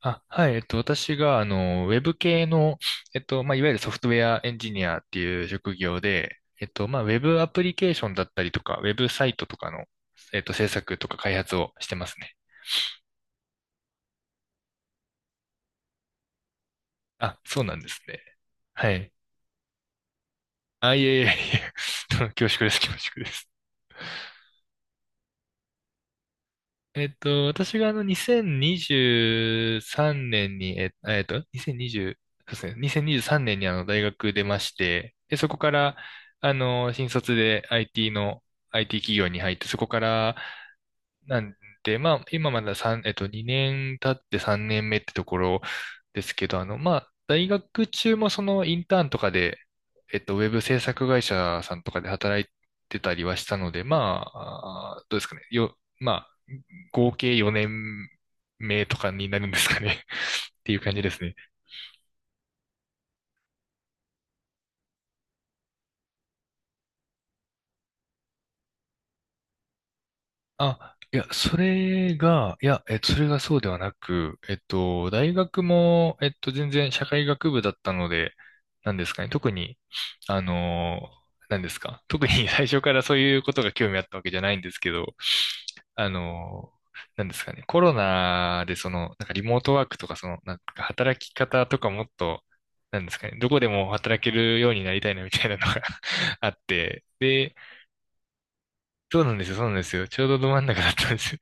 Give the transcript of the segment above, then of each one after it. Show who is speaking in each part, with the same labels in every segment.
Speaker 1: あ、はい、私が、ウェブ系の、いわゆるソフトウェアエンジニアっていう職業で、ウェブアプリケーションだったりとか、ウェブサイトとかの、制作とか開発をしてますね。あ、そうなんですね。はい。あ、いえいえいえ、恐縮です、恐縮です。私が2023年にじゅうさんねんに、2020、そうですね、年にじゅうさんねんに大学出まして、で、そこから、新卒で IT の、IT 企業に入って、そこから、なんで、まあ、今まだ3、2年経って3年目ってところですけど、大学中もそのインターンとかで、ウェブ制作会社さんとかで働いてたりはしたので、まあ、あーどうですかね。よ、まあ、合計4年目とかになるんですかね っていう感じですね。あ、いや、それがそうではなく、大学も、全然社会学部だったので、なんですかね、特に、あのー、なんですか、特に 最初からそういうことが興味あったわけじゃないんですけど、あのなんですかね、コロナでその、なんかリモートワークとか、その、なんか働き方とかもっと、なんですかね、どこでも働けるようになりたいなみたいなのが あって、で、そうなんですよ、そうなんですよ、ちょうどど真ん中だったんです。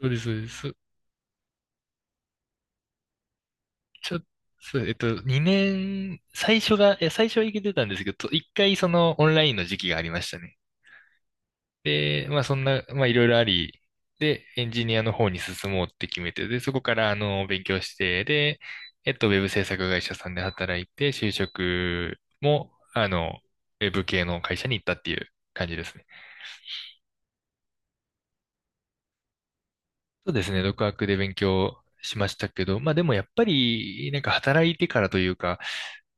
Speaker 1: そうです、そうです。ちょ、そう、2年、最初はいけてたんですけど、1回そのオンラインの時期がありましたね。で、まあそんな、まあいろいろあり、で、エンジニアの方に進もうって決めて、で、そこから勉強して、で、ウェブ制作会社さんで働いて、就職も、ウェブ系の会社に行ったっていう感じですね。そうですね、独学で勉強しましたけど、まあでもやっぱり、なんか働いてからというか、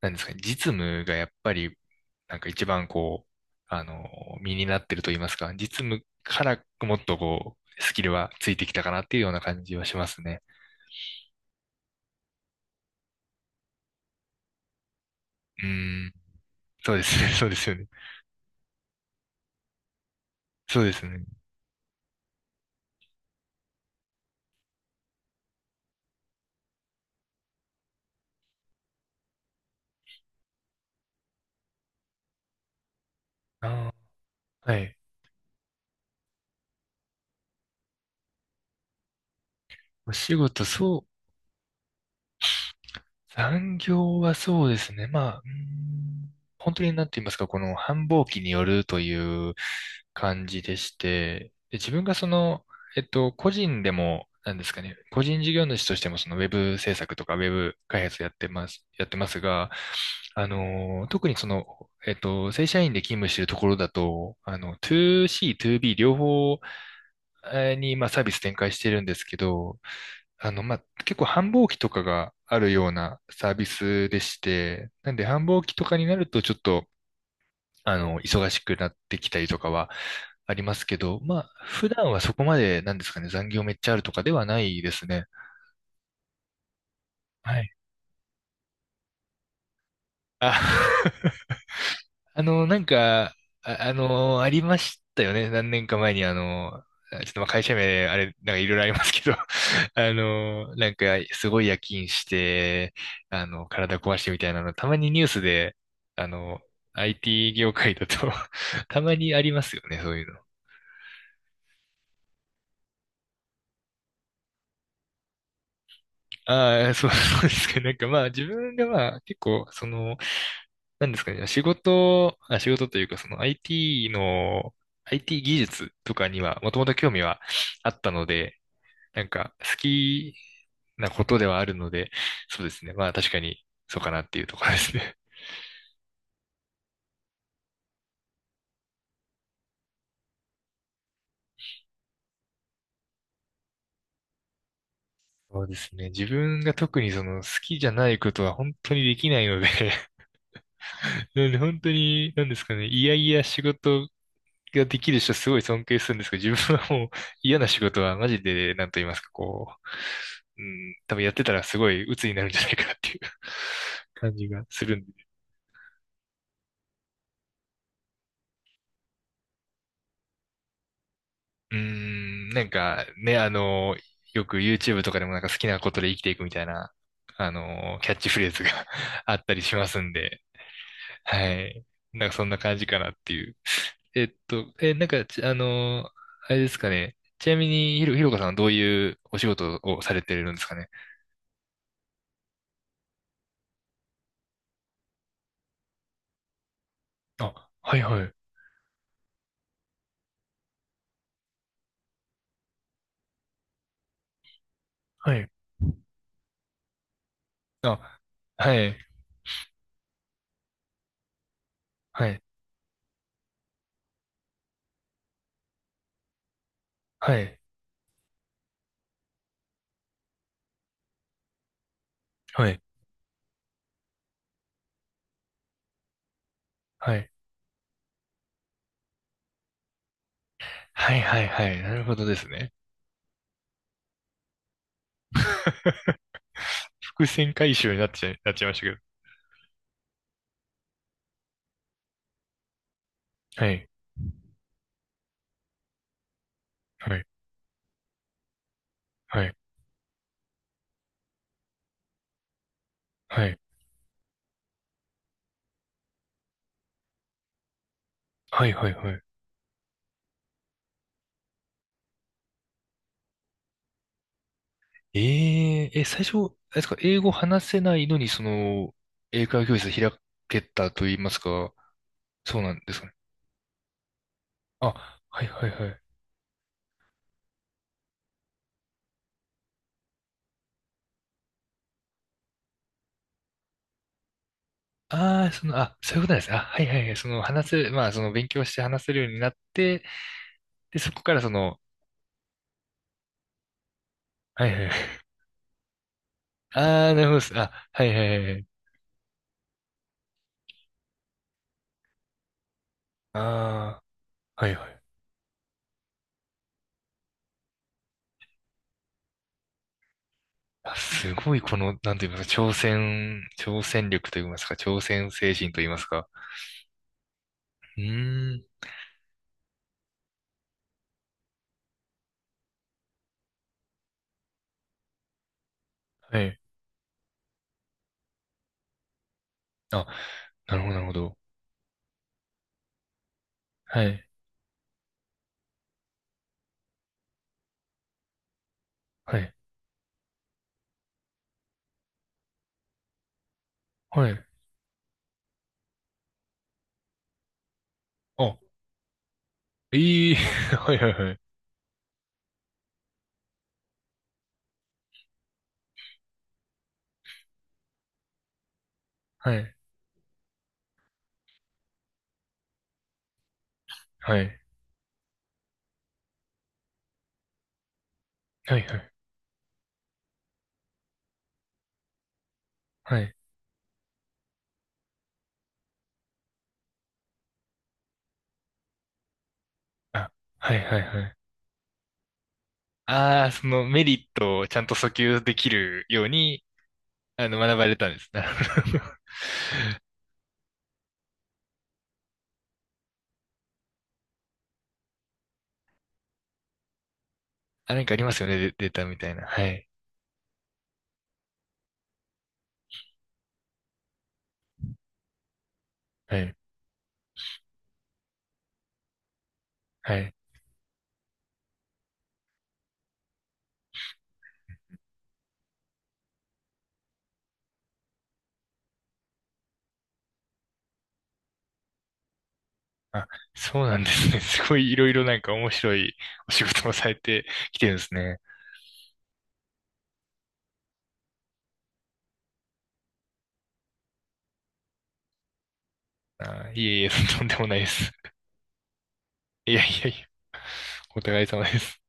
Speaker 1: なんですかね、実務がやっぱり、なんか一番こう、あの、身になってると言いますか、実務からもっとこう、スキルはついてきたかなっていうような感じはしますね。うーん、そうですね、そうですよね。そうですね。あー、はい。お仕事、そう、残業はそうですね。まあ、本当になんて言いますか、この繁忙期によるという感じでして、で、自分がその、個人でも、なんですかね、個人事業主としてもそのウェブ制作とかウェブ開発やってますが、特にその、正社員で勤務しているところだと、2C、2B 両方に、まあ、サービス展開してるんですけど、まあ、結構繁忙期とかがあるようなサービスでして、なんで繁忙期とかになるとちょっと、忙しくなってきたりとかはありますけど、まあ、普段はそこまで、なんですかね、残業めっちゃあるとかではないですね。はい。あ あの、なんか、ありましたよね。何年か前に、ちょっとまあ会社名、あれ、なんかいろいろありますけど、すごい夜勤して、体壊してみたいなの、たまにニュースで、あの、IT 業界だと たまにありますよね、そういうの。ああ、そう、そうですか。なんかまあ、自分がまあ、結構、その、なんですかね、仕事というか、その IT の、IT 技術とかには、もともと興味はあったので、なんか好きなことではあるので、そうですね。まあ確かにそうかなっていうところですね。そうですね。自分が特にその好きじゃないことは本当にできないので なんで 本当に、なんですかね。いやいや仕事ができる人すごい尊敬するんですけど、自分はもう嫌な仕事はマジで、なんと言いますか、う、う多分やってたらすごい鬱になるんじゃないかなっていう 感じがするんで。うーん、なんかね、よく YouTube とかでもなんか好きなことで生きていくみたいな、キャッチフレーズが あったりしますんで、はい。なんかそんな感じかなっていう。えっと、え、なんかち、あの、あれですかね。ちなみに、ひろかさんはどういうお仕事をされてるんですかね。あ、はいはい。はい。あ、はい。はい。はい。はい。はい。はいはいはい。なるほどですね。伏線回収になっちゃいましたけど。はい。はい。はい。はい。はいはいはい。えー、最初、あれですか、英語話せないのに、その、英会話教室開けたと言いますか、そうなんですかね。あ、はいはいはい。ああ、その、そういうことなんですね。あ、はいはいはい。その、話せ、まあ、その、勉強して話せるようになって、で、そこからその、はいはいはい。ああ、なるほどです。あ、はいはいはい。ああ、はいはい。あ、すごい、この、なんと言いますか、挑戦力と言いますか、挑戦精神と言いますか。うーん、はい。あ、なるほど、なるほど。はい。はい。はい。あ、いい。はいはいはい。はい。はい。はいはい。はい。あ、はいはいはい。ああ、そのメリットをちゃんと訴求できるように、学ばれたんです。なるほど。あ、なんかありますよね、デデータみたいな。はい。はい。はい。あ、そうなんですね。すごいいろいろなんか面白いお仕事もされてきてるんですね。あー、いえいえ、とんでもないです。いやいやいや、お互い様です。